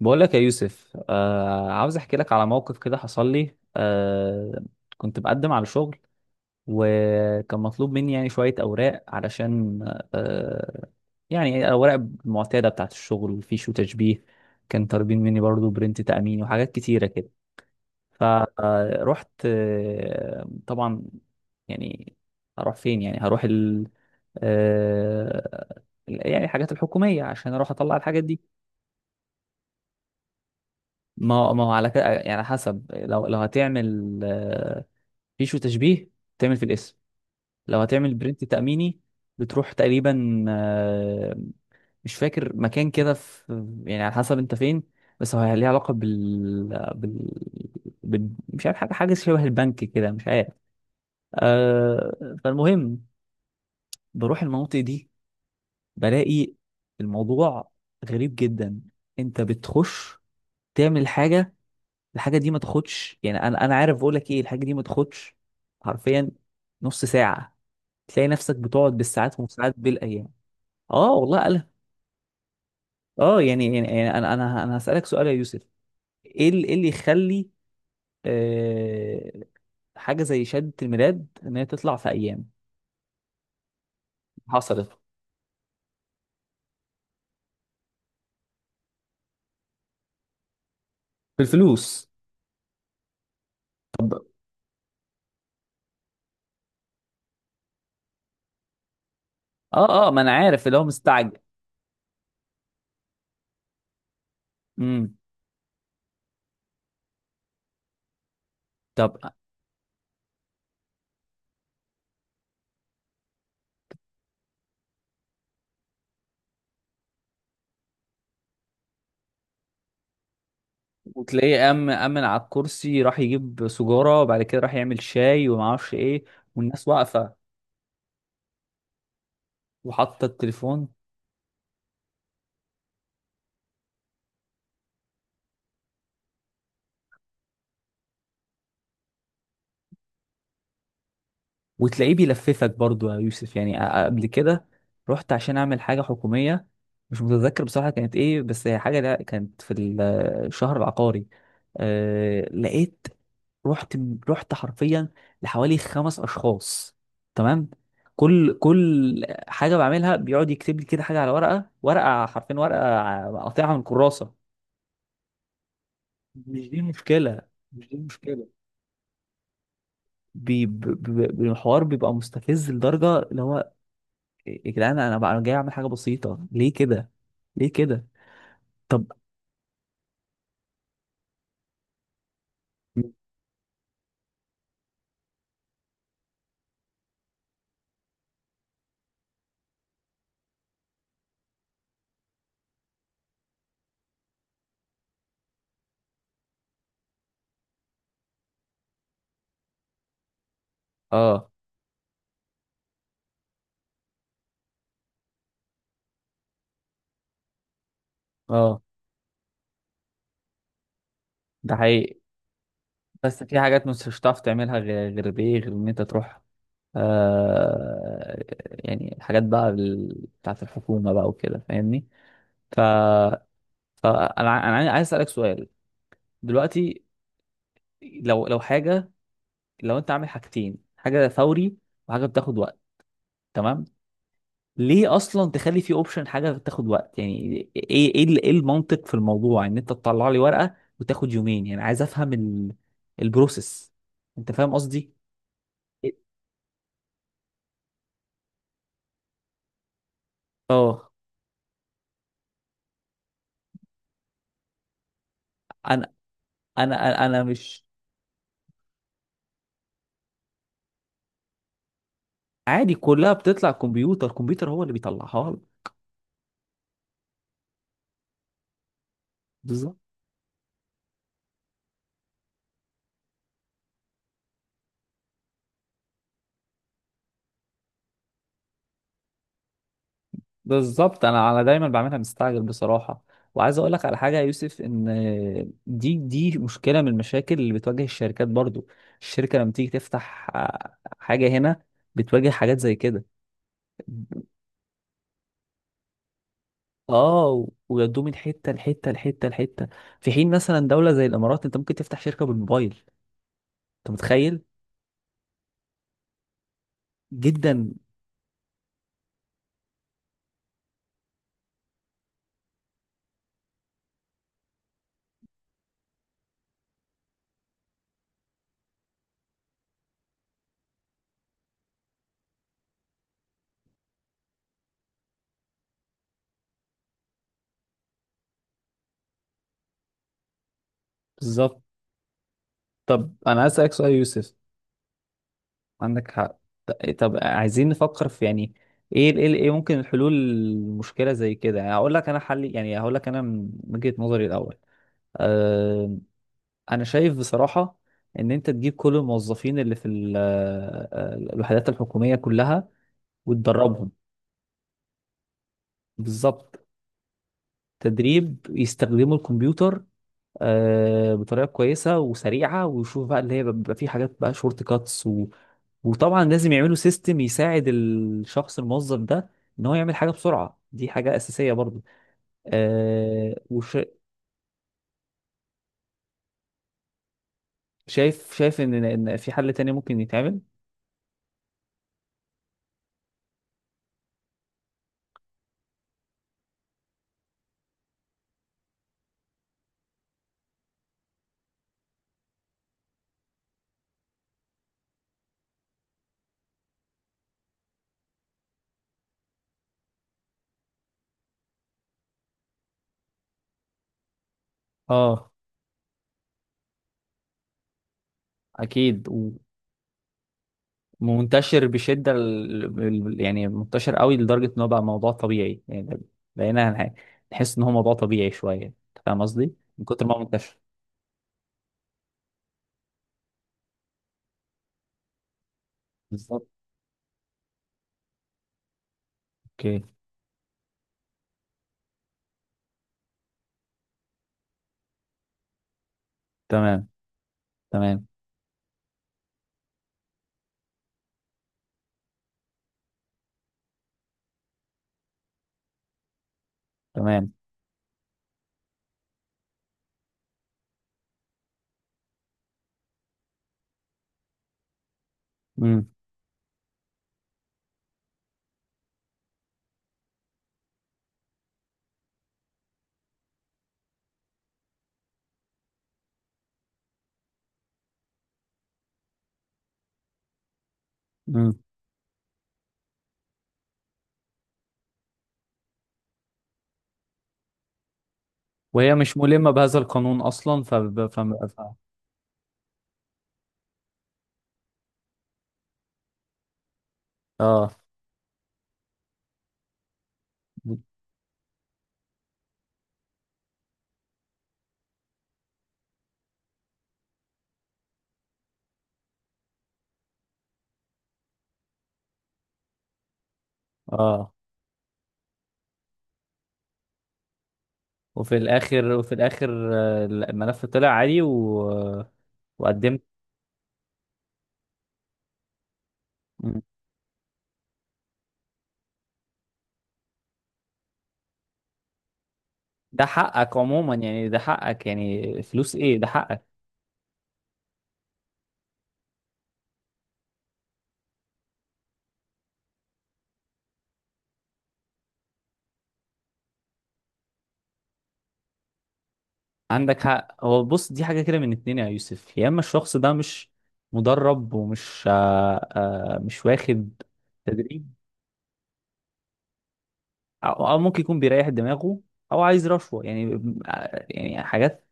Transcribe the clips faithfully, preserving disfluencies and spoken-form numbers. بقول لك يا يوسف، آه عاوز احكي لك على موقف كده حصل لي. آه كنت بقدم على شغل، وكان مطلوب مني يعني شوية أوراق علشان آه يعني الأوراق المعتادة بتاعة الشغل فيش وتشبيه. كان طالبين مني برضو برنت تأمين وحاجات كتيرة كده. فرحت، آه طبعا يعني هروح فين؟ يعني هروح ال آه يعني الحاجات الحكومية عشان أروح أطلع الحاجات دي. ما هو ما هو على كده يعني حسب. لو لو هتعمل آه، فيشو تشبيه تعمل في الاسم. لو هتعمل برنت تأميني بتروح تقريبا، آه، مش فاكر مكان كده، في يعني على حسب انت فين. بس هو ليه علاقة بال... بال... بال... مش عارف، حاجة حاجة شبه البنك كده، مش عارف. آه، فالمهم بروح المناطق دي، بلاقي الموضوع غريب جدا. انت بتخش تعمل حاجة، الحاجه دي ما تاخدش، يعني انا انا عارف بقول لك ايه، الحاجه دي ما تاخدش حرفيا نص ساعه، تلاقي نفسك بتقعد بالساعات وساعات بالايام. اه والله قال. اه، يعني يعني يعني انا انا انا هسالك سؤال يا يوسف: ايه ال- إيه اللي يخلي آه حاجه زي شهاده الميلاد ان هي تطلع في ايام؟ حصلت بالفلوس. طب، اه، اه، ما انا عارف اللي هو مستعجل. امم. طب. وتلاقيه أم أمن على الكرسي، راح يجيب سجارة وبعد كده راح يعمل شاي وما اعرفش ايه، والناس واقفة وحاطه التليفون. وتلاقيه بيلففك برضو يا يوسف، يعني أ- قبل كده رحت عشان اعمل حاجه حكوميه، مش متذكر بصراحه كانت ايه، بس هي حاجه لا، كانت في ال- الشهر العقاري. أه لقيت، رحت رحت حرفيا لحوالي خمس اشخاص، تمام. كل كل حاجه بعملها بيقعد يكتب لي كده حاجه على ورقه، ورقه، حرفيا ورقه قاطعها من الكراسه. مش دي المشكله، مش دي المشكله، بي- ب- ب- ب- الحوار بيبقى مستفز لدرجه اللي هو يا جدعان، انا بقى جاي اعمل حاجه بسيطه، ليه كده؟ ليه كده؟ طب، اه، اه، ده حقيقي. بس في حاجات مش هتعرف تعملها غير غير بايه؟ غير ان انت تروح آه يعني الحاجات بقى، ال- بتاعت الحكومه بقى وكده، فاهمني؟ ف فانا ع- انا عايز عايز اسالك سؤال دلوقتي. لو لو حاجه، لو انت عامل حاجتين، حاجه فوري وحاجه بتاخد وقت، تمام؟ ليه اصلا تخلي في اوبشن حاجه تاخد وقت؟ يعني ايه ايه ال- إيه المنطق في الموضوع ان انت تطلع لي ورقه وتاخد يومين؟ يعني عايز افهم ال... البروسيس، انت فاهم قصدي؟ اه. انا انا انا أنا مش عادي، كلها بتطلع كمبيوتر، الكمبيوتر هو اللي بيطلعها لك. بالظبط. بالظبط، انا انا دايما بعملها مستعجل بصراحه. وعايز اقول لك على حاجه يا يوسف، ان دي دي مشكله من المشاكل اللي بتواجه الشركات برضو. الشركه لما تيجي تفتح آه، حاجه هنا بتواجه حاجات زي كده. اه، ويودوه من حته لحته لحته لحته، في حين مثلا دوله زي الامارات انت ممكن تفتح شركه بالموبايل. انت متخيل؟ جدا. بالظبط. طب انا عايز اسالك سؤال يا يوسف. عندك حق. ط- طب عايزين نفكر في، يعني ايه ايه ايه ممكن الحلول المشكله زي كده، يعني هقول لك انا حل، يعني هقول لك انا من وجهه نظري الاول. أه انا شايف بصراحه ان انت تجيب كل الموظفين اللي في ال- آه، آه، الوحدات الحكوميه كلها وتدربهم. بالظبط. تدريب يستخدموا الكمبيوتر آه، بطريقه كويسه وسريعه، ويشوف بقى اللي هي بيبقى فيه حاجات بقى شورت كاتس و... وطبعا لازم يعملوا سيستم يساعد الشخص الموظف ده ان هو يعمل حاجه بسرعه، دي حاجه اساسيه برضو. آه وشايف، شايف ان ان في حل تاني ممكن يتعمل؟ اه. اكيد. ومنتشر بشده، ال- ال- يعني منتشر قوي لدرجه ان هو بقى موضوع طبيعي، يعني بقينا هنح- نحس ان هو موضوع طبيعي شويه، أنت فاهم قصدي، من كتر ما هو منتشر. بالظبط. اوكي. تمام، تمام، تمام. امم. امم. وهي مش ملمة بهذا القانون اصلا، ف ف ف- اه. اه. وفي الاخر، وفي الاخر آه، الملف طلع عادي و... وقدمت. مم. ده حقك عموما، يعني ده حقك، يعني فلوس ايه؟ ده حقك. عندك حق. هو بص، دي حاجة كده من اتنين يا يوسف: يا اما الشخص ده مش مدرب ومش آه آه مش واخد تدريب، او أو ممكن يكون بيريح دماغه، او عايز رشوه يعني، يعني حاجات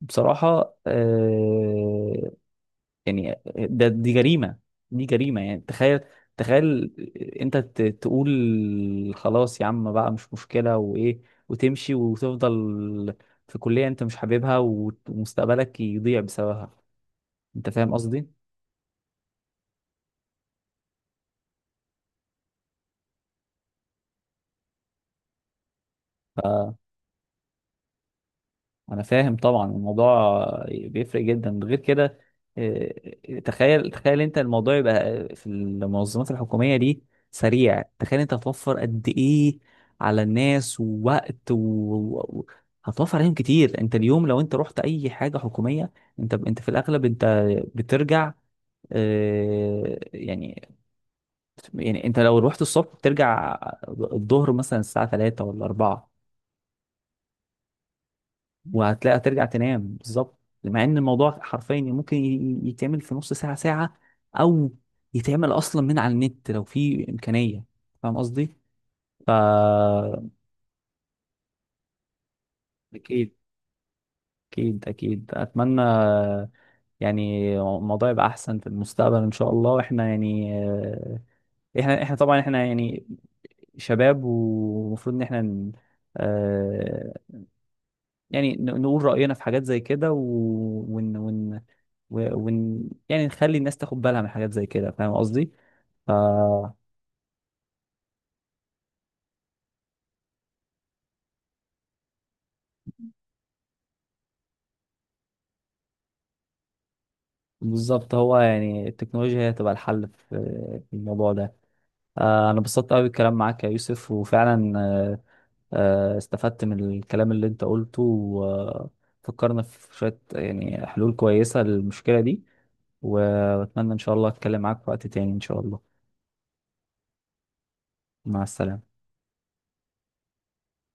بصراحه. آه، يعني ده دي جريمه، دي جريمه. يعني تخيل، تخيل، انت ت- تقول خلاص يا عم بقى، مش مشكله وايه، وتمشي وتفضل في كليه انت مش حاببها وت- ومستقبلك يضيع بسببها، انت فاهم قصدي؟ انا فاهم طبعا، الموضوع بيفرق جدا غير كده. آه، تخيل، تخيل انت الموضوع يبقى في المنظمات الحكوميه دي سريع، تخيل انت هتوفر قد ايه على الناس ووقت و... و... هتوفر عليهم كتير. انت اليوم لو انت رحت اي حاجه حكوميه انت انت في الاغلب انت بترجع، آه، يعني، يعني انت لو رحت الصبح بترجع الظهر مثلا الساعه التالتة ولا الرابعة. وهتلاقي هترجع تنام بالظبط، مع ان الموضوع حرفيا ممكن ي- يتعمل في نص ساعة ساعة، او يتعمل اصلا من على النت لو في امكانية. فاهم قصدي؟ ف اكيد، اكيد، اكيد. اتمنى يعني الموضوع يبقى احسن في المستقبل ان شاء الله. واحنا يعني آه، احنا احنا طبعا احنا يعني شباب، ومفروض ان احنا يعني ن- نقول رأينا في حاجات زي كده و... ون... ون... و- ون... يعني نخلي الناس تاخد بالها من حاجات زي كده. فاهم قصدي؟ ف بالظبط. هو يعني التكنولوجيا هي تبقى الحل في في الموضوع ده. آه، انا انبسطت قوي بالكلام معاك يا يوسف، وفعلا آه، آه، استفدت من الكلام اللي انت قلته، وفكرنا في شوية يعني حلول كويسة للمشكلة دي. واتمنى ان شاء الله اتكلم معاك في وقت تاني ان شاء الله. مع السلامة.